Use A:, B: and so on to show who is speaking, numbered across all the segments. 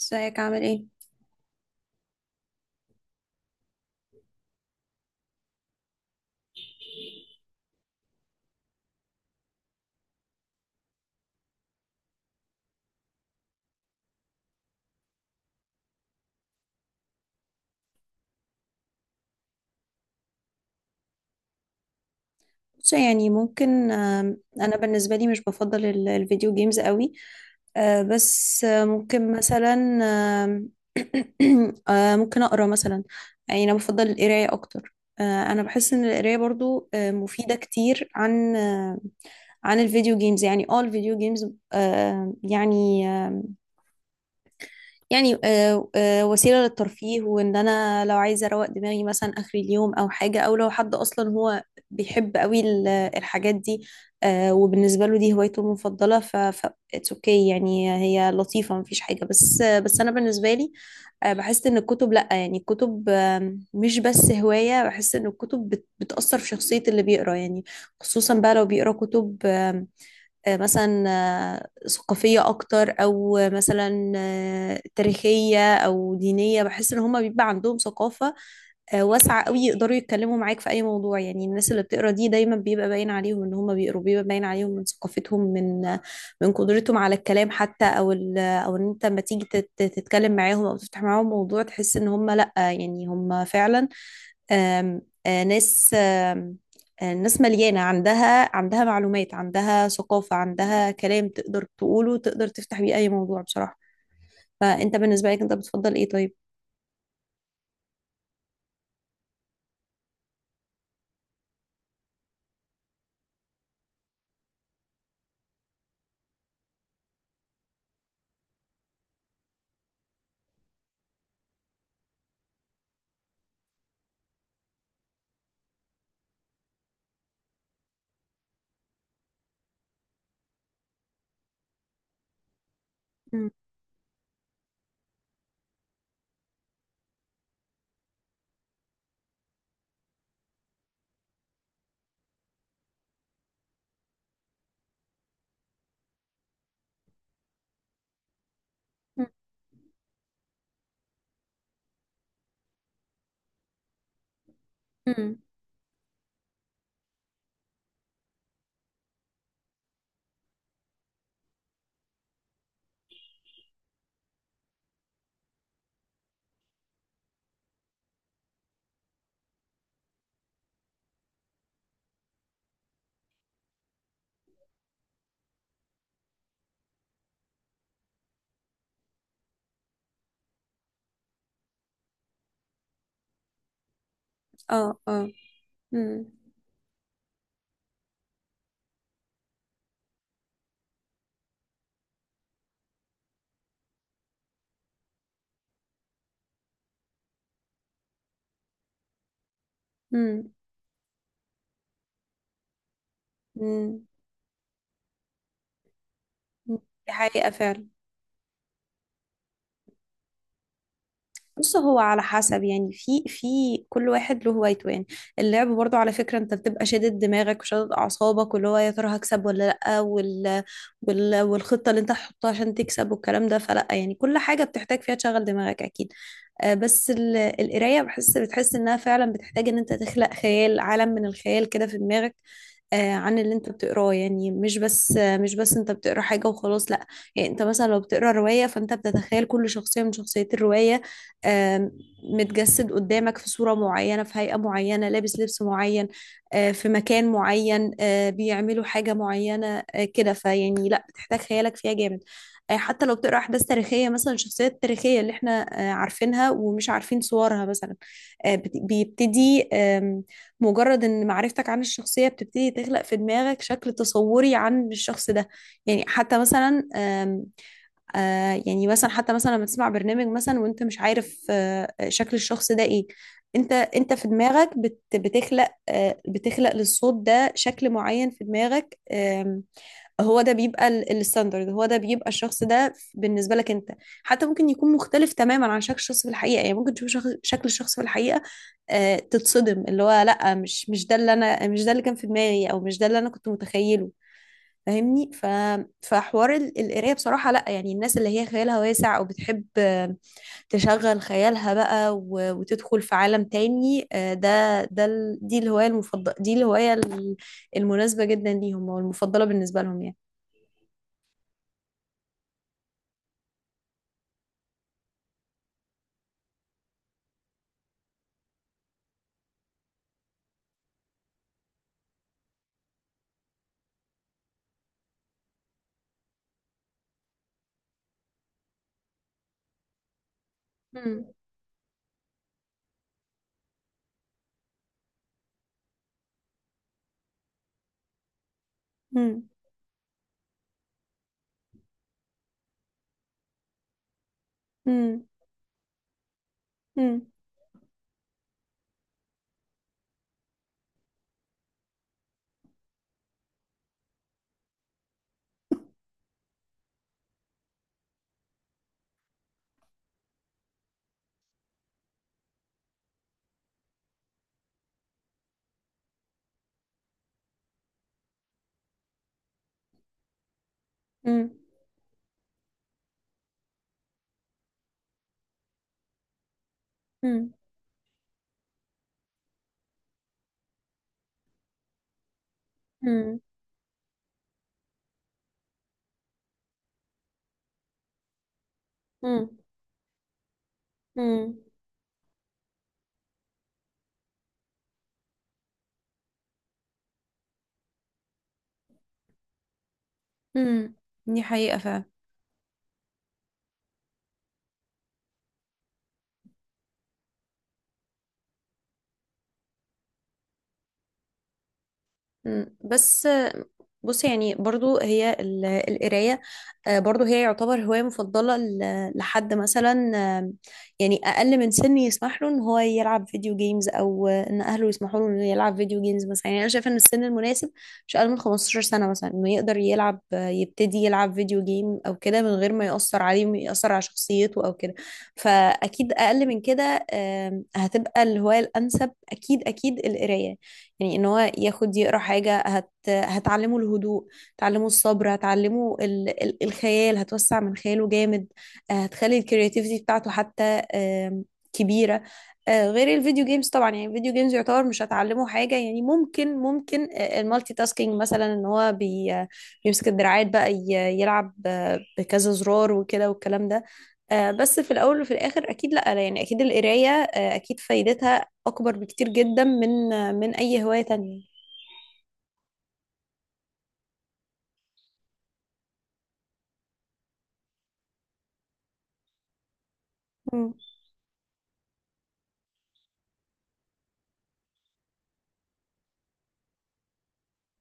A: ازيك، عامل ايه؟ بص، يعني ممكن انا بالنسبه لي مش بفضل الفيديو جيمز قوي. بس ممكن مثلا آم، ممكن اقرا مثلا. يعني انا بفضل القرايه اكتر. آه، انا بحس ان القرايه برضو مفيده كتير عن عن الفيديو جيمز، يعني الفيديو جيمز آه، يعني يعني وسيلة للترفيه، وان انا لو عايزة اروق دماغي مثلا اخر اليوم، او حاجة، او لو حد اصلا هو بيحب قوي الحاجات دي. وبالنسبة له دي هوايته المفضلة، ف اتس اوكي، يعني هي لطيفة، مفيش حاجة، بس انا بالنسبة لي بحس ان الكتب، لا يعني الكتب مش بس هواية، بحس ان الكتب بتأثر في شخصية اللي بيقرا يعني. خصوصا بقى لو بيقرا كتب مثلا ثقافية أكتر، أو مثلا تاريخية أو دينية، بحس إن هما بيبقى عندهم ثقافة واسعة قوي، يقدروا يتكلموا معاك في أي موضوع. يعني الناس اللي بتقرا دي دايما بيبقى باين عليهم إن هما بيقروا، بيبقى باين عليهم من ثقافتهم، من قدرتهم على الكلام حتى، أو أو إن أنت لما تيجي تتكلم معاهم أو تفتح معاهم موضوع تحس إن هما لأ، يعني هما فعلا آم، آه، ناس. الناس مليانة عندها معلومات، عندها ثقافة، عندها كلام تقدر تقوله، تقدر تفتح بيه أي موضوع بصراحة. فأنت بالنسبة لك أنت بتفضل إيه طيب؟ مم. مم. مم. اه، اه. مم. مم. مم. مم. دي حقيقة فعلا. بص، هو على حسب، يعني في كل واحد له هوايته يعني. اللعب برضو على فكرة انت بتبقى شادد دماغك وشادد اعصابك، واللي هو يا ترى هكسب ولا لا، والخطة اللي انت هتحطها عشان تكسب والكلام ده. فلا يعني كل حاجة بتحتاج فيها تشغل دماغك اكيد. بس القراية بتحس إنها فعلا بتحتاج إن أنت تخلق خيال، عالم من الخيال كده في دماغك عن اللي أنت بتقراه، يعني مش بس أنت بتقرا حاجة وخلاص، لأ. يعني أنت مثلا لو بتقرا رواية فأنت بتتخيل كل شخصية من شخصيات الرواية، آه، متجسد قدامك في صورة معينة، في هيئة معينة، لابس لبس معين، في مكان معين، بيعملوا حاجة معينة كده. فيعني لأ، بتحتاج خيالك فيها جامد. حتى لو بتقرا احداث تاريخيه، مثلا الشخصيات التاريخيه اللي احنا عارفينها ومش عارفين صورها مثلا، بيبتدي، مجرد ان معرفتك عن الشخصيه بتبتدي تخلق في دماغك شكل تصوري عن الشخص ده. يعني حتى مثلا آم، آه، يعني مثلا حتى مثلا لما تسمع برنامج مثلا وانت مش عارف شكل الشخص ده ايه، انت في دماغك بتخلق للصوت ده شكل معين في دماغك هو ده بيبقى الستاندرد، هو ده بيبقى الشخص ده بالنسبة لك انت. حتى ممكن يكون مختلف تماما عن شكل الشخص في الحقيقة، يعني ممكن تشوف شكل الشخص في الحقيقة تتصدم، اللي هو لا مش ده اللي انا، مش ده اللي كان في دماغي، او مش ده اللي انا كنت متخيله. فاهمني؟ ف فحوار القرايه بصراحه، لا يعني الناس اللي هي خيالها واسع او بتحب تشغل خيالها بقى وتدخل في عالم تاني، دي الهوايه المفضله، دي الهوايه المناسبه جدا ليهم، او المفضله بالنسبه لهم يعني. 嗯嗯嗯嗯嗯嗯嗯嗯嗯，嗯，دي حقيقة فعلا. مم. بس بص، يعني برضو هي القراية برضو هي يعتبر هواية مفضلة لحد مثلا آه، يعني أقل من سن يسمح له إن هو يلعب فيديو جيمز، أو إن أهله يسمحوا له إنه يلعب فيديو جيمز مثلا. يعني أنا شايفة إن السن المناسب مش أقل من 15 سنة مثلا، إنه يقدر يلعب يبتدي يلعب فيديو جيم أو كده من غير ما يأثر عليه ويأثر على شخصيته أو كده. فأكيد أقل من كده هتبقى الهواية الأنسب، أكيد أكيد القراية. يعني ان هو ياخد يقرا حاجه هتعلمه الهدوء، هتعلمه الصبر، هتعلمه الخيال، هتوسع من خياله جامد. هتخلي الكرياتيفيتي بتاعته حتى آم، كبيره. غير الفيديو جيمز طبعا، يعني الفيديو جيمز يعتبر مش هتعلمه حاجه، يعني ممكن المالتي تاسكينج مثلا، ان هو بيمسك الدراعات بقى يلعب بكذا زرار وكده والكلام ده. بس في الاول وفي الاخر اكيد لا، لا يعني اكيد القرايه اكيد فايدتها أكبر بكتير جدا من من أي هواية تانية. مم.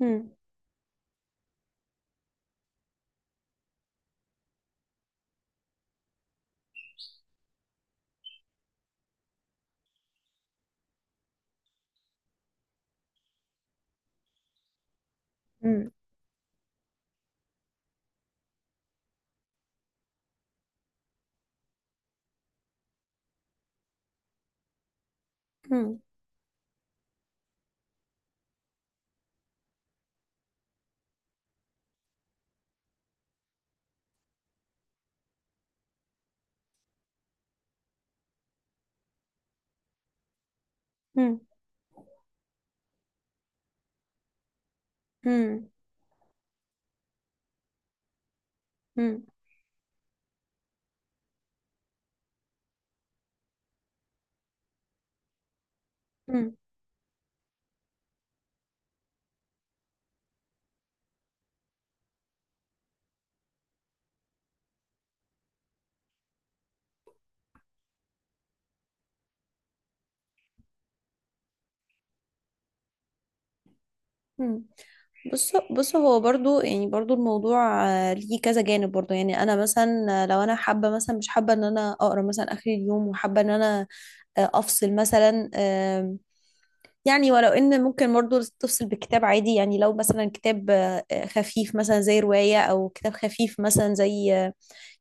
A: مم. مم. مم. مم. مم. مم. مم. مم. بص، بص، هو برضو، يعني برضو الموضوع ليه كذا جانب برضو. يعني انا مثلا لو انا حابه، مثلا مش حابه ان انا اقرا مثلا اخر اليوم، وحابه ان انا افصل مثلا يعني ولو ان ممكن برضو تفصل بكتاب عادي. يعني لو مثلا كتاب خفيف مثلا زي روايه، او كتاب خفيف مثلا زي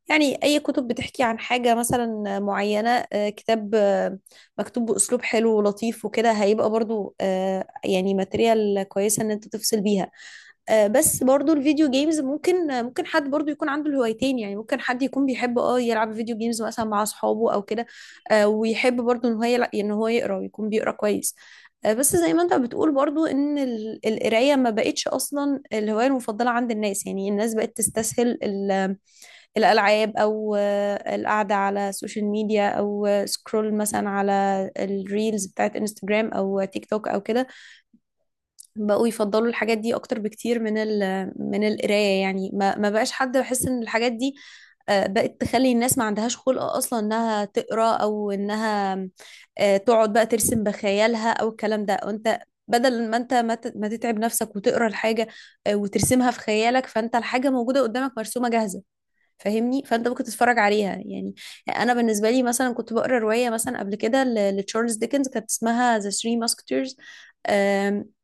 A: يعني أي كتب بتحكي عن حاجة مثلا معينة، كتاب مكتوب بأسلوب حلو ولطيف وكده، هيبقى برضو يعني ماتريال كويسة إن أنت تفصل بيها. بس برضو الفيديو جيمز ممكن حد برضو يكون عنده الهوايتين. يعني ممكن حد يكون بيحب اه يلعب فيديو جيمز مثلا مع أصحابه أو كده، ويحب برضو إن هو إن هو يقرأ ويكون بيقرأ كويس. بس زي ما انت بتقول، برضو ان القراية ما بقتش اصلا الهواية المفضلة عند الناس. يعني الناس بقت تستسهل ال الألعاب، أو القعدة على السوشيال ميديا، أو سكرول مثلا على الريلز بتاعت انستجرام أو تيك توك أو كده. بقوا يفضلوا الحاجات دي أكتر بكتير من ال من القراية. يعني ما بقاش حد بحس إن الحاجات دي بقت تخلي الناس ما عندهاش خلق أصلا إنها تقرأ، أو إنها تقعد بقى ترسم بخيالها أو الكلام ده. وأنت بدل ما انت ما تتعب نفسك وتقرا الحاجه وترسمها في خيالك، فانت الحاجه موجوده قدامك، مرسومه جاهزه، فاهمني؟ فانت ممكن تتفرج عليها يعني. انا بالنسبه لي مثلا كنت بقرا روايه مثلا قبل كده لتشارلز ديكنز، كانت اسمها ذا ثري ماسكتيرز.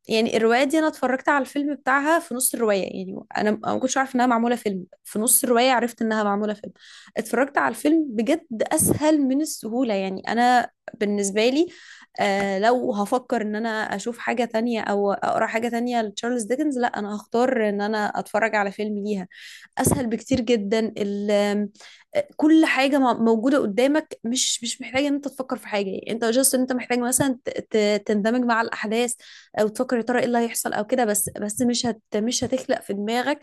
A: يعني الروايه دي انا اتفرجت على الفيلم بتاعها في نص الروايه. يعني انا أنا ما كنتش عارفه انها معموله فيلم، في نص الروايه عرفت انها معموله فيلم. اتفرجت على الفيلم بجد، اسهل من السهوله. يعني انا بالنسبه لي، آه لو هفكر ان انا اشوف حاجه تانية او اقرا حاجه تانية لتشارلز ديكنز، لا انا هختار ان انا اتفرج على فيلم ليها، اسهل بكتير جدا. كل حاجه موجوده قدامك، مش مش محتاج ان انت تفكر في حاجه. يعني انت جاست ان انت محتاج مثلا تندمج مع الاحداث، او تفكر يا ترى ايه اللي هيحصل او كده. بس مش هتخلق في دماغك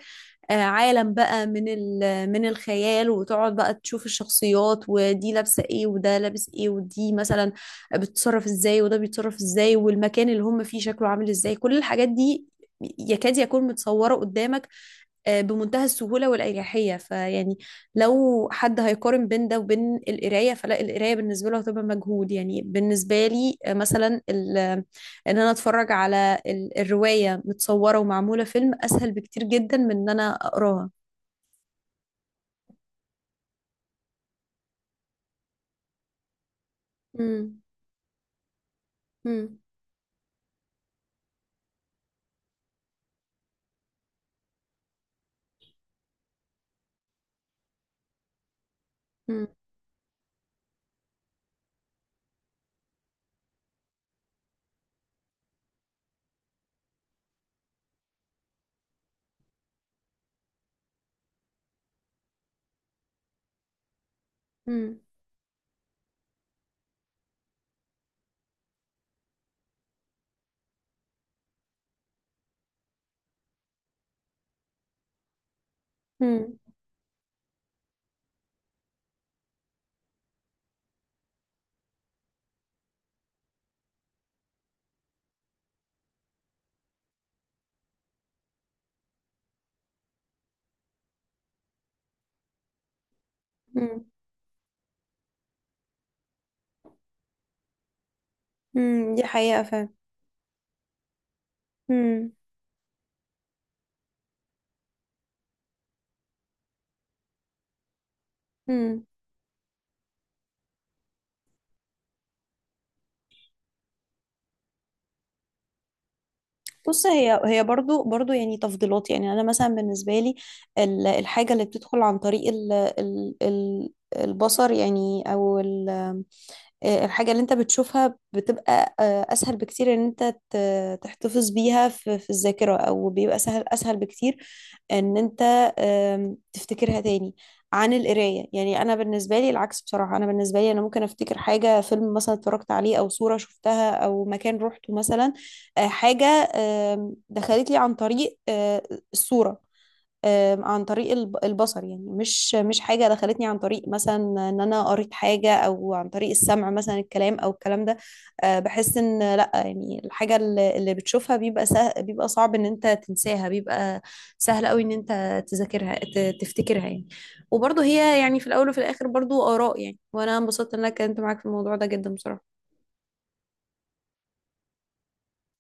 A: عالم بقى من ال من الخيال، وتقعد بقى تشوف الشخصيات، ودي لابسه ايه وده لابس ايه، ودي مثلا بتتصرف ازاي وده بيتصرف ازاي، والمكان اللي هم فيه شكله عامل ازاي. كل الحاجات دي يكاد يكون متصوره قدامك بمنتهى السهولة والأريحية. فيعني لو حد هيقارن بين ده وبين القراية فلا، القراية بالنسبة له هتبقى مجهود. يعني بالنسبة لي مثلا إن أنا أتفرج على الرواية متصورة ومعمولة فيلم، أسهل بكتير جدا من إن أنا أقراها. مم. مم. مم. مم. مم. مم. دي حقيقة فعلا. مم. مم. بص، هي برضو برضو يعني تفضيلات. يعني انا مثلا بالنسبه لي الحاجه اللي بتدخل عن طريق ال ال ال البصر يعني، او ال الحاجة اللي انت بتشوفها بتبقى اسهل بكتير ان انت تحتفظ بيها في الذاكرة، او بيبقى سهل اسهل بكتير ان انت تفتكرها تاني عن القراية. يعني انا بالنسبة لي العكس بصراحة، انا بالنسبة لي انا ممكن افتكر حاجة فيلم مثلا اتفرجت عليه، او صورة شفتها، او مكان روحته مثلا حاجة دخلت لي عن طريق الصورة عن طريق البصر. يعني مش مش حاجة دخلتني عن طريق مثلا ان انا قريت حاجة، او عن طريق السمع مثلا، الكلام او الكلام ده. بحس ان لا، يعني الحاجة اللي بتشوفها بيبقى بيبقى صعب ان انت تنساها، بيبقى سهل قوي ان انت تذاكرها، تفتكرها يعني. وبرضه هي يعني في الاول وفي الاخر برضه آراء يعني. وانا انبسطت ان انا اتكلمت معاك في الموضوع ده جدا بصراحة.